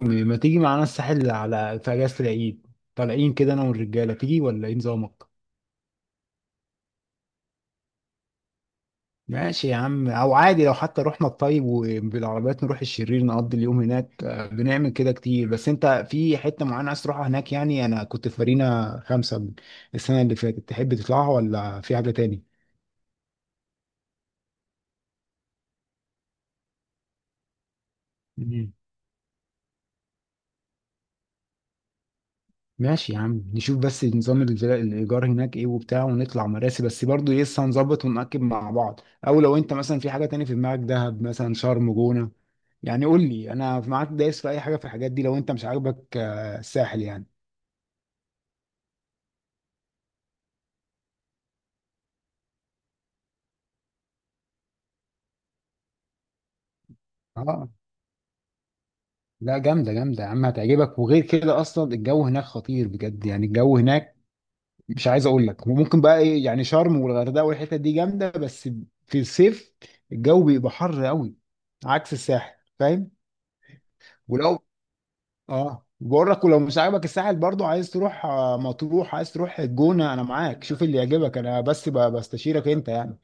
ما تيجي معانا الساحل على في اجازة العيد؟ طالعين كده انا والرجالة، تيجي ولا ايه نظامك؟ ماشي يا عم، او عادي لو حتى رحنا الطيب وبالعربيات نروح الشرير نقضي اليوم هناك. بنعمل كده كتير، بس انت في حتة معينة عايز تروحها هناك يعني؟ انا كنت في مارينا خمسة السنة اللي فاتت، تحب تطلعها ولا في حاجة تاني؟ ماشي يا عم، نشوف بس نظام الايجار هناك ايه وبتاع، ونطلع مراسي. بس برضو لسه هنظبط ونأكد مع بعض. او لو انت مثلا في حاجه تاني في دماغك، دهب مثلا، شرم، جونه يعني، قول لي. انا معاك دايس في اي حاجه في الحاجات دي، لو انت مش عاجبك الساحل يعني. اه لا، جامده جامده يا عم، هتعجبك. وغير كده اصلا الجو هناك خطير بجد، يعني الجو هناك مش عايز اقول لك. وممكن بقى ايه يعني، شرم والغردقه والحتت دي جامده، بس في الصيف الجو بيبقى حر قوي عكس الساحل، فاهم؟ ولو، اه بقول لك، ولو مش عاجبك الساحل برضو عايز تروح مطروح، عايز تروح الجونة، انا معاك، شوف اللي يعجبك، انا بس بستشيرك انت يعني.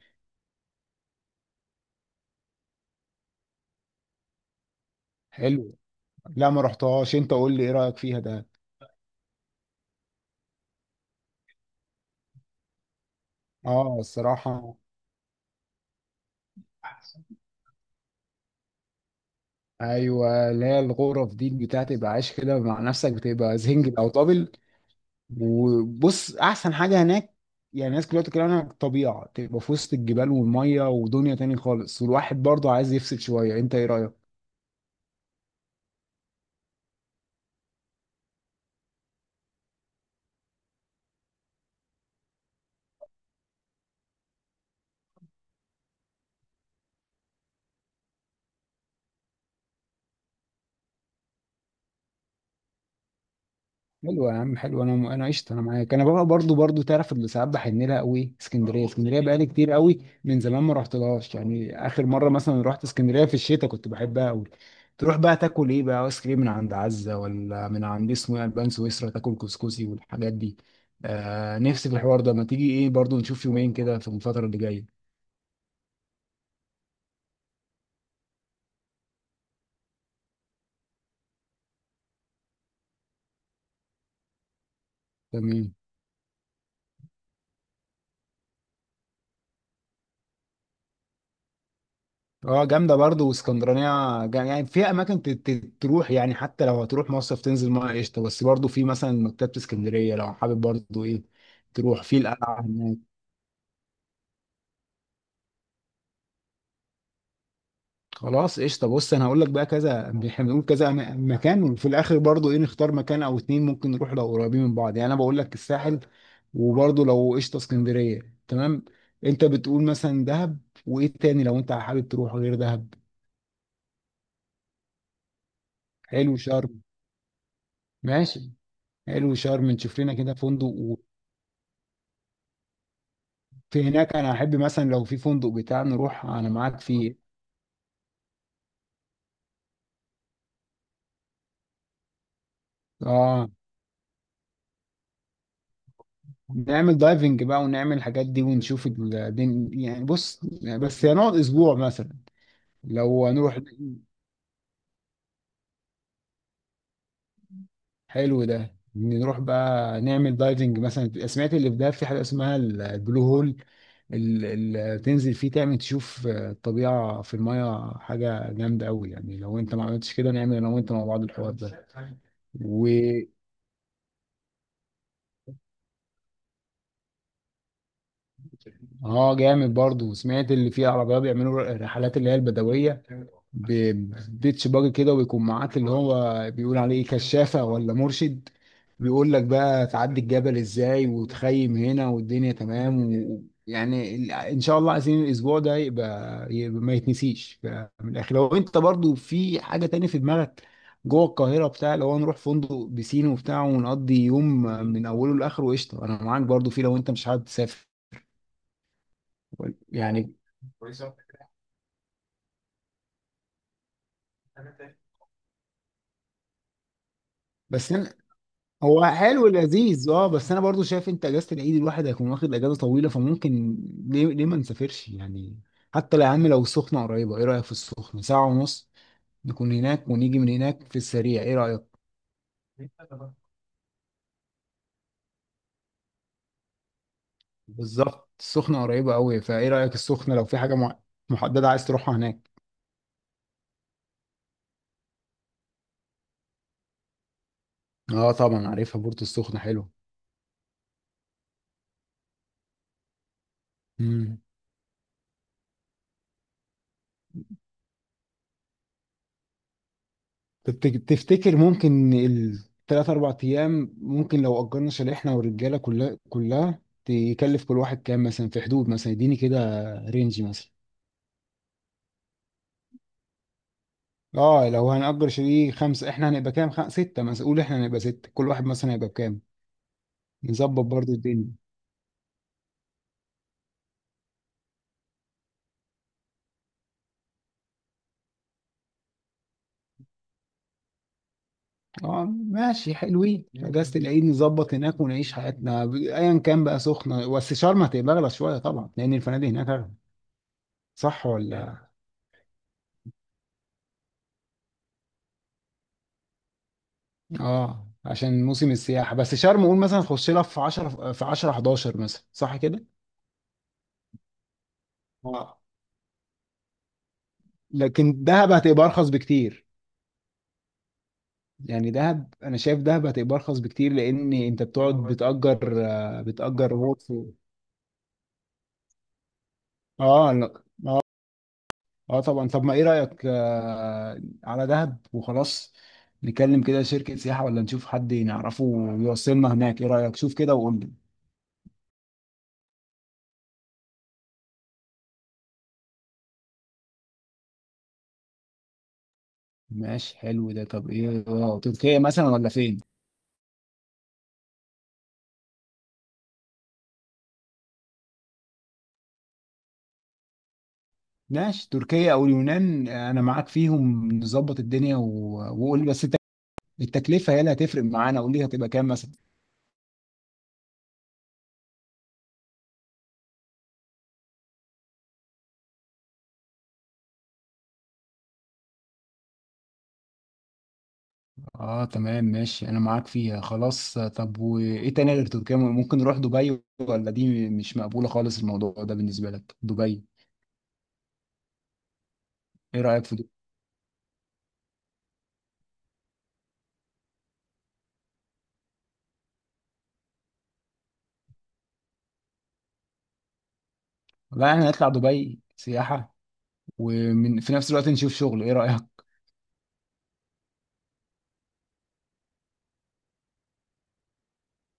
حلو. لا ما رحتهاش، انت قول لي ايه رأيك فيها ده. اه الصراحة ايوه، اللي هي الغرف دي بتاعت، تبقى عايش كده مع نفسك، بتبقى زنجل او دبل. وبص احسن حاجة هناك يعني، الناس كلها بتتكلم عنها، الطبيعة، تبقى في وسط الجبال والمية ودنيا تاني خالص، والواحد برضه عايز يفصل شوية. انت ايه رأيك؟ حلو يا عم، حلو. انا قشطه، انا معاك. انا بقى برضو تعرف، اللي ساعات بحن لها قوي اسكندريه. اسكندريه بقالي كتير قوي من زمان ما رحتلهاش يعني، اخر مره مثلا رحت اسكندريه في الشتاء، كنت بحبها قوي. تروح بقى تاكل ايه بقى، ايس كريم من عند عزه ولا من عند اسمه ايه، البان سويسرا، تاكل كسكسي والحاجات دي. آه نفسي في الحوار ده، ما تيجي ايه برضو نشوف يومين كده في الفتره اللي جايه. تمام. اه جامده برضه، واسكندرانيه يعني في اماكن تروح يعني، حتى لو هتروح مصيف تنزل ميه قشطه، بس برضه في مثلا مكتبه اسكندريه لو حابب، برضه ايه، تروح في القلعه هناك. خلاص قشطه، بص انا هقول لك بقى، كذا احنا بنقول كذا مكان، وفي الاخر برضه ايه، نختار مكان او اتنين، ممكن نروح لو قريبين من بعض. يعني انا بقول لك الساحل، وبرضه لو قشطه اسكندريه تمام، انت بتقول مثلا دهب، وايه تاني لو انت حابب تروح غير دهب؟ حلو شرم. ماشي، حلو شرم، نشوف لنا كده فندق في هناك. انا احب مثلا لو في فندق بتاع نروح انا معاك فيه. اه نعمل دايفنج بقى ونعمل الحاجات دي ونشوف الدين يعني، بص، بس هنقعد اسبوع مثلا لو هنروح. حلو ده، نروح بقى نعمل دايفنج. مثلا سمعت اللي في ده في حاجه اسمها البلو هول، اللي تنزل فيه تعمل تشوف الطبيعه في المايه، حاجه جامده قوي يعني. لو انت ما عملتش كده، نعمل انا وانت مع بعض الحوار ده. اه جامد برضو، سمعت اللي فيه عربيات بيعملوا الرحلات اللي هي البدوية، ببيتش باجي كده، ويكون معاك اللي هو بيقول عليه كشافة ولا مرشد، بيقول لك بقى تعدي الجبل ازاي وتخيم هنا والدنيا تمام. يعني ان شاء الله عايزين الاسبوع ده يبقى، ما يتنسيش. من الاخر لو انت برضو في حاجة تاني في دماغك، جوه القاهرة بتاع، لو نروح فندق بسين وبتاع ونقضي يوم من اوله لاخره، قشطة انا معاك برضو في، لو انت مش حابب تسافر يعني. بس انا هو حلو لذيذ، اه، بس انا برضو شايف انت اجازه العيد، الواحد هيكون واخد اجازه طويله فممكن، ليه ليه ما نسافرش يعني؟ حتى لو يا عم، لو السخنه قريبه، ايه رايك في السخنه؟ ساعه ونص نكون هناك، ونيجي من هناك في السريع، ايه رايك؟ بالظبط السخنه قريبه قوي، فايه رايك السخنه؟ لو في حاجه محدده عايز تروحها هناك. اه طبعا عارفها، بورتو السخنه. حلو. طب تفتكر ممكن الثلاث اربع ايام، ممكن لو اجرنا شاليه احنا والرجاله كلها كلها، تكلف كل واحد كام مثلا؟ في حدود مثلا، يديني كده رينج مثلا. اه لو هنأجر شاليه خمسة، احنا هنبقى كام، ستة مثلا، قول احنا هنبقى ستة، كل واحد مثلا هيبقى بكام؟ نظبط برضو الدنيا. اه ماشي، حلوين في اجازة العيد، نظبط هناك ونعيش حياتنا. ايا كان بقى، سخنة، بس شرم هتبقى اغلى شوية طبعا لان الفنادق هناك اغلى، صح ولا؟ اه عشان موسم السياحة. بس شرم قول مثلا تخش لها في 10، في 10 11 مثلا، صح كده؟ اه لكن دهب هتبقى ارخص بكتير، يعني دهب انا شايف دهب هتبقى ارخص بكتير، لان انت بتقعد بتأجر، بتأجر وقت. اه لا. اه طبعا. طب ما ايه رأيك على دهب وخلاص؟ نكلم كده شركة سياحة ولا نشوف حد نعرفه ويوصلنا هناك، ايه رأيك؟ شوف كده وقول لي. ماشي حلو ده. طب ايه، تركيا مثلا ولا فين؟ ماشي، تركيا او اليونان انا معاك فيهم، نظبط الدنيا و... وقول لي بس التكلفه هي اللي هتفرق معانا، قول لي هتبقى كام مثلا. اه تمام، ماشي انا معاك فيها خلاص. طب وايه تاني غير تركيا؟ ممكن نروح دبي؟ ولا دي مش مقبوله خالص الموضوع ده بالنسبه لك، دبي؟ ايه رايك في دبي؟ لا احنا نطلع دبي سياحه، ومن في نفس الوقت نشوف شغل، ايه رايك؟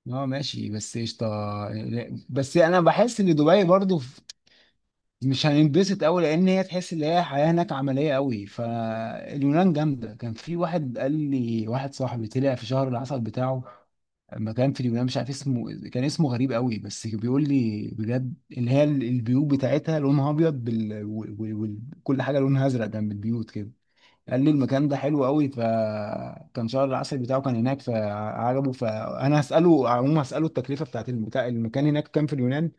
اه ماشي بس قشطه، بس انا بحس ان دبي برضو مش هننبسط قوي، لان هي تحس ان هي حياه هناك عمليه قوي. فاليونان جامده، كان في واحد قال لي، واحد صاحبي طلع في شهر العسل بتاعه مكان في اليونان، مش عارف اسمه، كان اسمه غريب قوي، بس بيقول لي بجد اللي هي البيوت بتاعتها لونها ابيض كل حاجه لونها ازرق جنب البيوت كده. قال لي المكان ده حلو قوي، فكان شهر العسل بتاعه كان هناك فعجبه. فانا هساله عموما، هساله التكلفه بتاعت المكان، هناك كام في اليونان،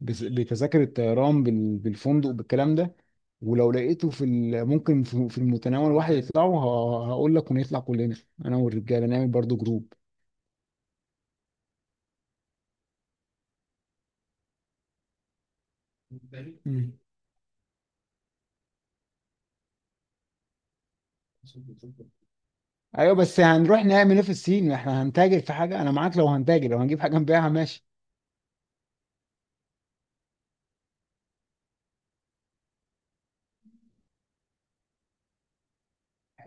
بتذاكر الطيران بالفندق بالكلام ده. ولو لقيته في ممكن في في المتناول، واحد يطلعوا، هقول لك ونطلع كلنا انا والرجاله، نعمل برضو جروب. مم. ايوه، بس هنروح نعمل ايه في الصين؟ ما احنا هنتاجر في حاجه؟ انا معاك لو هنتاجر، لو هنجيب حاجه نبيعها ماشي.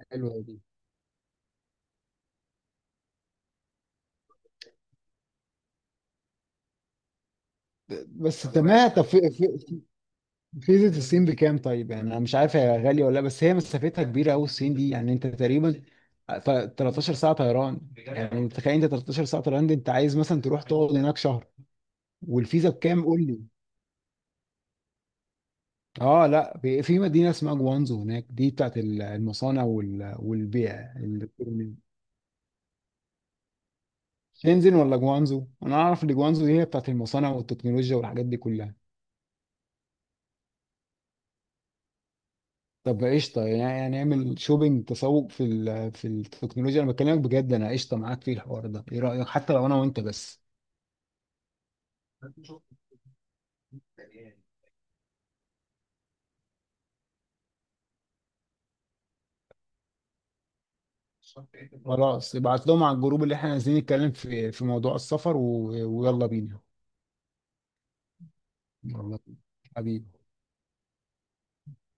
حلوة دي. بس تمام، طب في فيزة الصين بكام طيب؟ يعني انا مش عارف هي غاليه ولا لا، بس هي مسافتها كبيره قوي الصين دي، يعني انت تقريبا 13 ساعه طيران، يعني تخيل انت 13 ساعه طيران دي، انت عايز مثلا تروح تقعد هناك شهر. والفيزا بكام قول لي؟ اه لا، في في مدينه اسمها جوانزو هناك، دي بتاعت المصانع والبيع الالكتروني. شنزن ولا جوانزو؟ انا اعرف ان جوانزو دي هي بتاعت المصانع والتكنولوجيا والحاجات دي كلها. طب قشطه، يعني هنعمل شوبينج، تسوق في في التكنولوجيا. انا بكلمك بجد انا قشطه معاك في الحوار ده، ايه رايك حتى لو انا وانت بس؟ خلاص، ابعت لهم على الجروب اللي احنا عايزين نتكلم في في موضوع السفر و... ويلا بينا. يلا بينا حبيبي.